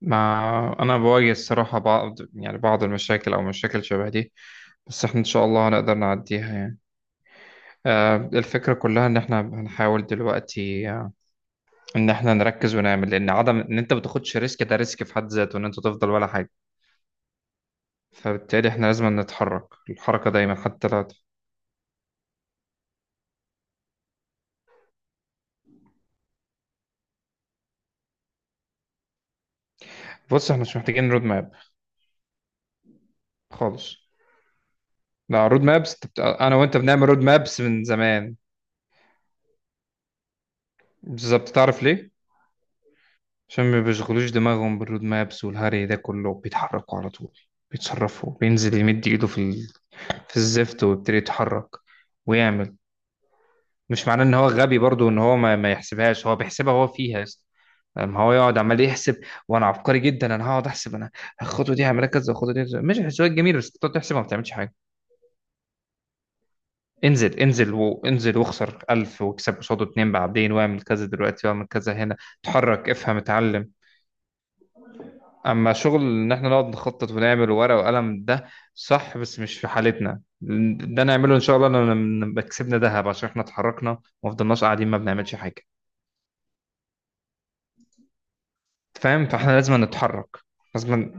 ما أنا بواجه الصراحة بعض المشاكل أو مشاكل شبه دي، بس إحنا إن شاء الله هنقدر نعديها يعني. الفكرة كلها إن إحنا هنحاول دلوقتي، إن إحنا نركز ونعمل، لأن عدم إن أنت ما تاخدش ريسك ده ريسك في حد ذاته، إن أنت تفضل ولا حاجة. فبالتالي إحنا لازم نتحرك الحركة دايما حتى لو... بص، إحنا مش محتاجين رود ماب خالص. لا، رود مابس أنا وأنت بنعمل رود مابس من زمان. بالظبط، تعرف ليه؟ عشان ما بيشغلوش دماغهم بالرود مابس والهري ده كله، بيتحركوا على طول، بيتصرفوا، بينزل يمد ايده في الزفت ويبتدي يتحرك ويعمل. مش معناه ان هو غبي برضو ان هو ما يحسبهاش، هو بيحسبها، هو فيها يا اسطى. لما هو يقعد عمال يحسب، وانا عبقري جدا انا هقعد احسب انا، الخطوه دي هعملها كذا، الخطوه دي كذا. ماشي، الحسابات جميله، بس تقعد تحسبها ما بتعملش حاجه. انزل انزل وانزل، واخسر 1000 واكسب قصاده اتنين بعدين، واعمل كذا دلوقتي واعمل كذا هنا. اتحرك، افهم، اتعلم. اما شغل ان احنا نقعد نخطط ونعمل ورقه وقلم، ده صح بس مش في حالتنا. ده نعمله ان شاء الله لما نبقى كسبنا ذهب، عشان احنا اتحركنا وما فضلناش قاعدين ما بنعملش حاجه. فاهم؟ فاحنا لازم نتحرك، لازم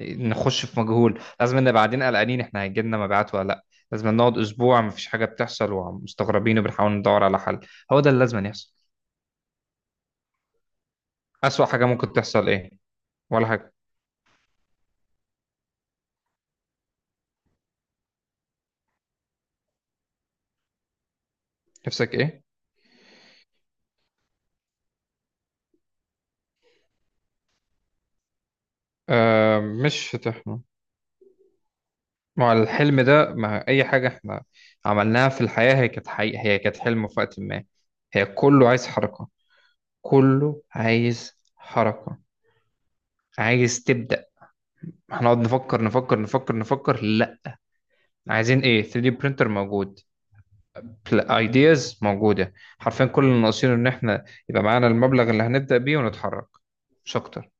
نخش في مجهول، لازم نبقى قاعدين قلقانين احنا هيجي لنا مبيعات ولا لا، لازم نقعد اسبوع ما فيش حاجه بتحصل ومستغربين، وبنحاول ندور على حل. هو ده اللي لازم يحصل. اسوأ حاجه ممكن تحصل ايه؟ ولا حاجه. نفسك ايه؟ آه، مش هتحصل. ما هو الحلم ده، ما أي حاجة إحنا عملناها في الحياة هي كانت حقيقة، هي كانت حلم في وقت ما. هي كله عايز حركة، كله عايز حركة. عايز تبدأ. هنقعد نفكر نفكر نفكر نفكر؟ لا. عايزين إيه؟ 3D printer موجود، ideas موجودة. حرفيا كل اللي ناقصينه إن إحنا يبقى معانا المبلغ اللي هنبدأ بيه ونتحرك، مش أكتر.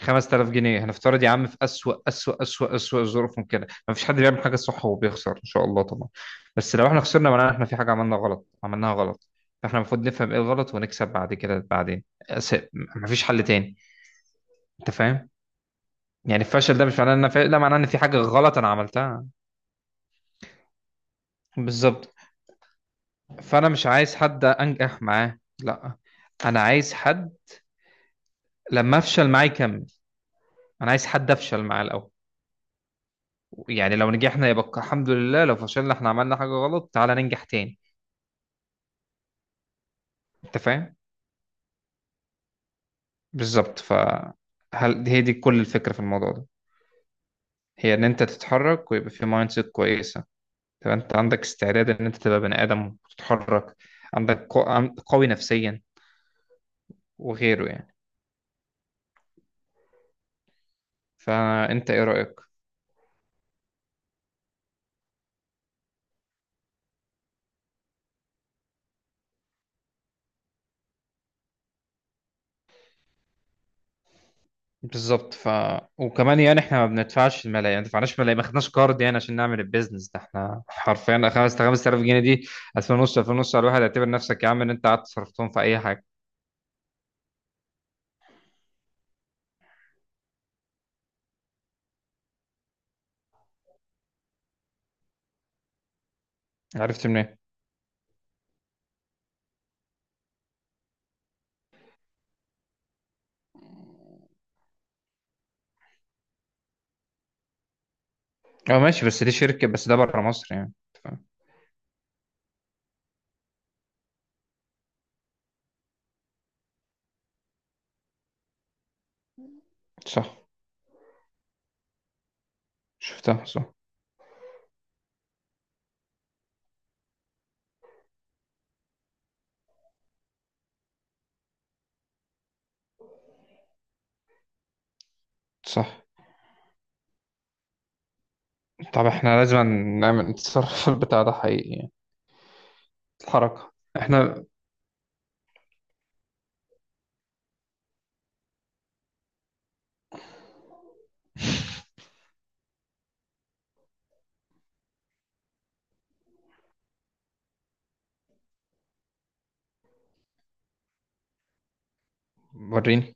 5000 جنيه هنفترض يا عم، في أسوأ أسوأ أسوأ أسوأ ظروف ممكنة، ما فيش حد بيعمل حاجة صح وبيخسر إن شاء الله طبعا. بس لو احنا خسرنا معناها احنا في حاجة عملنا غلط، عملناها غلط. فاحنا المفروض نفهم ايه الغلط ونكسب بعد كده، بعدين ما فيش حل تاني. انت فاهم؟ يعني الفشل ده مش معناه ان انا لا، معناه ان في حاجة غلط انا عملتها. بالظبط. فانا مش عايز حد انجح معاه، لا، انا عايز حد لما افشل معاه يكمل، انا عايز حد افشل معاه الاول. يعني لو نجحنا يبقى الحمد لله، لو فشلنا احنا عملنا حاجة غلط، تعالى ننجح تاني. انت فاهم؟ بالظبط. فهل هي دي كل الفكرة في الموضوع ده؟ هي ان انت تتحرك، ويبقى في مايند سيت كويسة، تبقى انت عندك استعداد ان انت تبقى بني ادم وتتحرك، عندك قوي نفسيا وغيره يعني. فانت ايه رأيك؟ بالظبط. وكمان يعني احنا ما بندفعش الملايين، يعني ما دفعناش ملايين، ما خدناش كارد يعني عشان نعمل البيزنس ده. احنا حرفيا 5000 5000 جنيه دي، 2000 ونص 2000 ونص على الواحد، اعتبر نفسك يا عم ان انت قعدت صرفتهم في اي حاجه. عرفت منين؟ اه ماشي، بس دي شركه، بس ده بره مصر يعني، أنت فاهم؟ صح، شفتها. صح، صح. طب احنا لازم نعمل، نتصرف في البتاع ده حقيقي يعني. الحركه احنا. وريني.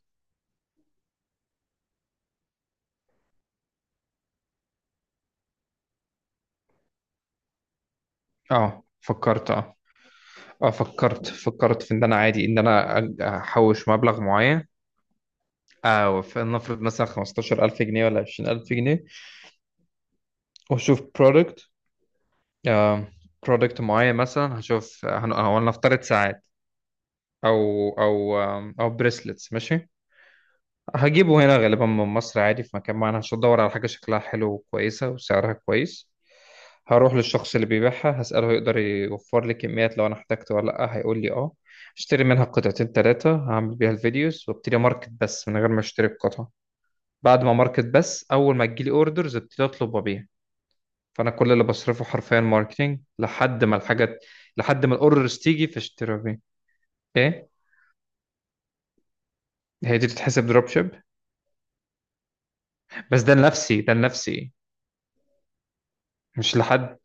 اه فكرت، اه، اه فكرت. فكرت في ان انا عادي ان انا احوش مبلغ معين. اه، فلنفرض مثلا 15000 جنيه ولا 20000 جنيه، واشوف برودكت، برودكت معين. مثلا هشوف هو نفترض ساعات، او او او بريسلتس، ماشي. هجيبه هنا غالبا من مصر عادي، في مكان معين هشوف، ادور على حاجه شكلها حلو وكويسه وسعرها كويس. هروح للشخص اللي بيبيعها هسأله يقدر يوفر لي كميات لو انا احتجت ولا لا، هيقول لي اه، اشتري منها قطعتين ثلاثة، هعمل بيها الفيديوز وابتدي ماركت، بس من غير ما اشتري القطع. بعد ما ماركت بس، اول ما تجيلي اوردرز ابتدي اطلب وابيع. فانا كل اللي بصرفه حرفيا ماركتينج لحد ما الحاجات، لحد ما الاوردرز تيجي، فاشتري وابيع. ايه، هي دي تتحسب دروب شيب. بس ده لنفسي، ده لنفسي، مش لحد،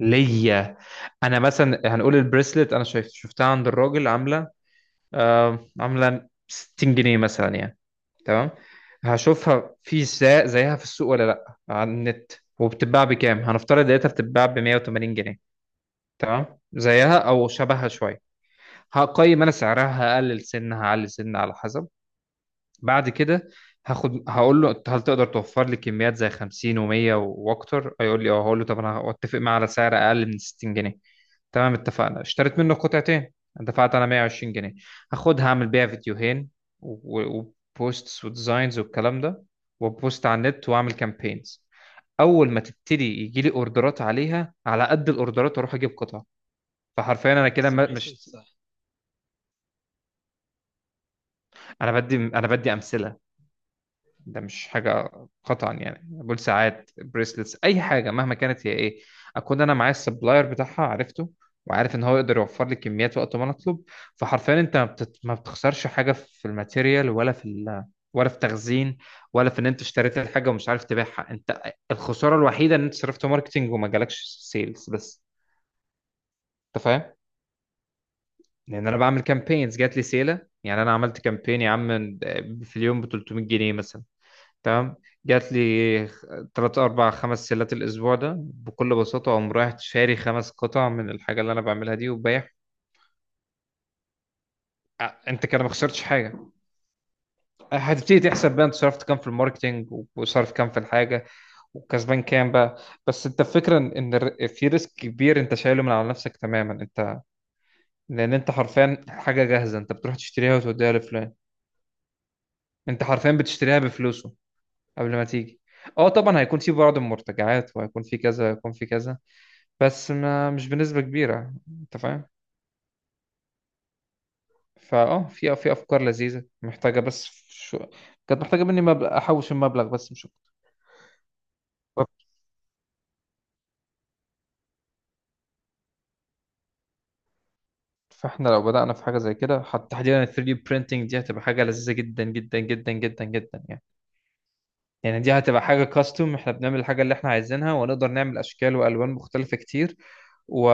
ليا. انا مثلا هنقول البريسلت، انا شايف شفتها عند الراجل عامله، عامله 60 جنيه مثلا يعني. تمام. هشوفها زيها في السوق ولا لا، على النت. وبتتباع بكام؟ هنفترض لقيتها بتتباع ب 180 جنيه، تمام، زيها او شبهها شويه. هقيم انا سعرها، هقلل سن هعلي سن على حسب. بعد كده هاخد، هقول له هل تقدر توفر لي كميات زي 50 و100 واكتر، هيقول لي اه، هقول له طب انا اتفق معاه على سعر اقل من 60 جنيه. تمام، اتفقنا. اشتريت منه قطعتين، دفعت انا 120 جنيه، هاخدها اعمل بيها فيديوهين و- وبوستس وديزاينز والكلام ده، وبوست على النت واعمل كامبينز. اول ما تبتدي يجي لي اوردرات عليها، على قد الاوردرات اروح اجيب قطع. فحرفيا انا كده بس. ماشي مش بس، انا بدي انا بدي امثله، ده مش حاجه قطعا يعني. بول ساعات بريسلتس اي حاجه مهما كانت هي ايه، اكون انا معايا السبلاير بتاعها عرفته، وعارف ان هو يقدر يوفر لي كميات وقت ما انا اطلب. فحرفيا انت ما بتخسرش حاجه في الماتيريال، ولا ولا في تخزين، ولا في ان انت اشتريت الحاجه ومش عارف تبيعها انت. الخساره الوحيده ان انت صرفت ماركتينج وما جالكش سيلز بس. انت فاهم؟ لان انا بعمل كامبينز جات لي سيله، يعني انا عملت كامبين يا عم في اليوم ب 300 جنيه مثلا، تمام، جات لي 3 4 5 سيلات الاسبوع ده، بكل بساطه اقوم رايح شاري خمس قطع من الحاجه اللي انا بعملها دي وبايع. انت كده ما خسرتش حاجه. هتبتدي تحسب بقى، انت صرفت كام في الماركتينج وصرف كام في الحاجه وكسبان كام بقى. بس انت الفكره ان في ريسك كبير انت شايله من على نفسك تماما انت، لان انت حرفيا حاجه جاهزه، انت بتروح تشتريها وتوديها لفلان، انت حرفيا بتشتريها بفلوسه قبل ما تيجي. اه طبعا هيكون في بعض المرتجعات، وهيكون في كذا، هيكون في كذا، بس ما مش بنسبة كبيرة. انت فاهم؟ في افكار لذيذة محتاجة بس كانت محتاجة مني مبلغ احوش المبلغ بس مش أكتر. فاحنا لو بدأنا في حاجة زي كده، حتى تحديدا ال 3D printing دي، هتبقى حاجة لذيذة جدا جدا جدا جدا جدا يعني. يعني دي هتبقى حاجة كاستوم، احنا بنعمل الحاجة اللي احنا عايزينها ونقدر نعمل اشكال والوان مختلفة كتير، و...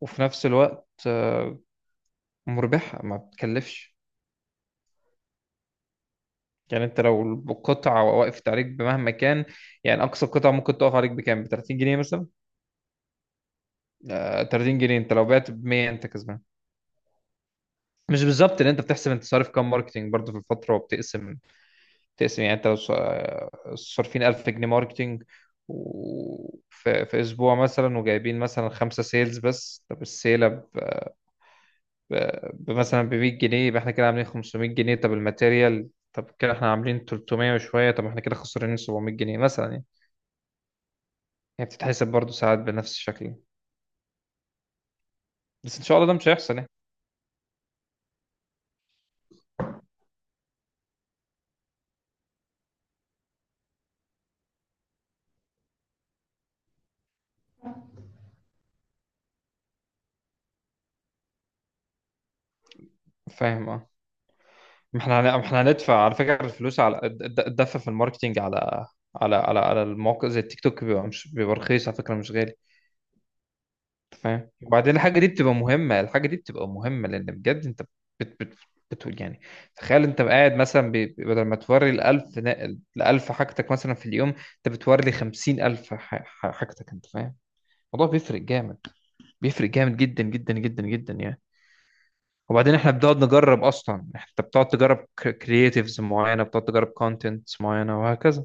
وفي نفس الوقت مربحة ما بتكلفش. يعني انت لو القطعة وقفت عليك بمهما كان، يعني اقصى قطعة ممكن تقف عليك بكام؟ ب 30 جنيه مثلا. 30 جنيه انت لو بعت ب 100 انت كسبان. مش بالظبط، لان انت بتحسب انت صارف كام ماركتينج برضه في الفترة، وبتقسم تقسم. يعني انت لو صارفين 1000 جنيه ماركتينج في اسبوع مثلا، وجايبين مثلا خمسة سيلز بس، طب السيلة مثلا ب 100 جنيه، يبقى احنا كده عاملين 500 جنيه، طب الماتيريال، طب كده احنا عاملين 300 وشوية، طب احنا كده خسرانين 700 جنيه مثلا يعني. هي بتتحسب برضه ساعات بنفس الشكل يعني. بس ان شاء الله ده مش هيحصل يعني. فاهم، اه. ما احنا ما احنا هندفع على فكره الفلوس على الدفع في الماركتينج، على على المواقع زي التيك توك، بيبقى مش بيبقى رخيص على فكره، مش غالي. انت فاهم؟ وبعدين الحاجه دي بتبقى مهمه، الحاجه دي بتبقى مهمه لان بجد انت بت بت بتقول يعني. تخيل انت قاعد مثلا بدل ما توري ال 1000 ال 1000 حاجتك مثلا في اليوم، انت بتوري لي 50000 حاجتك. انت فاهم؟ الموضوع بيفرق جامد، بيفرق جامد جدا جدا جدا جدا يعني. وبعدين احنا بنقعد نجرب اصلا، انت بتقعد تجرب كرييتيفز معينه، بتقعد تجرب كونتنت معينه وهكذا.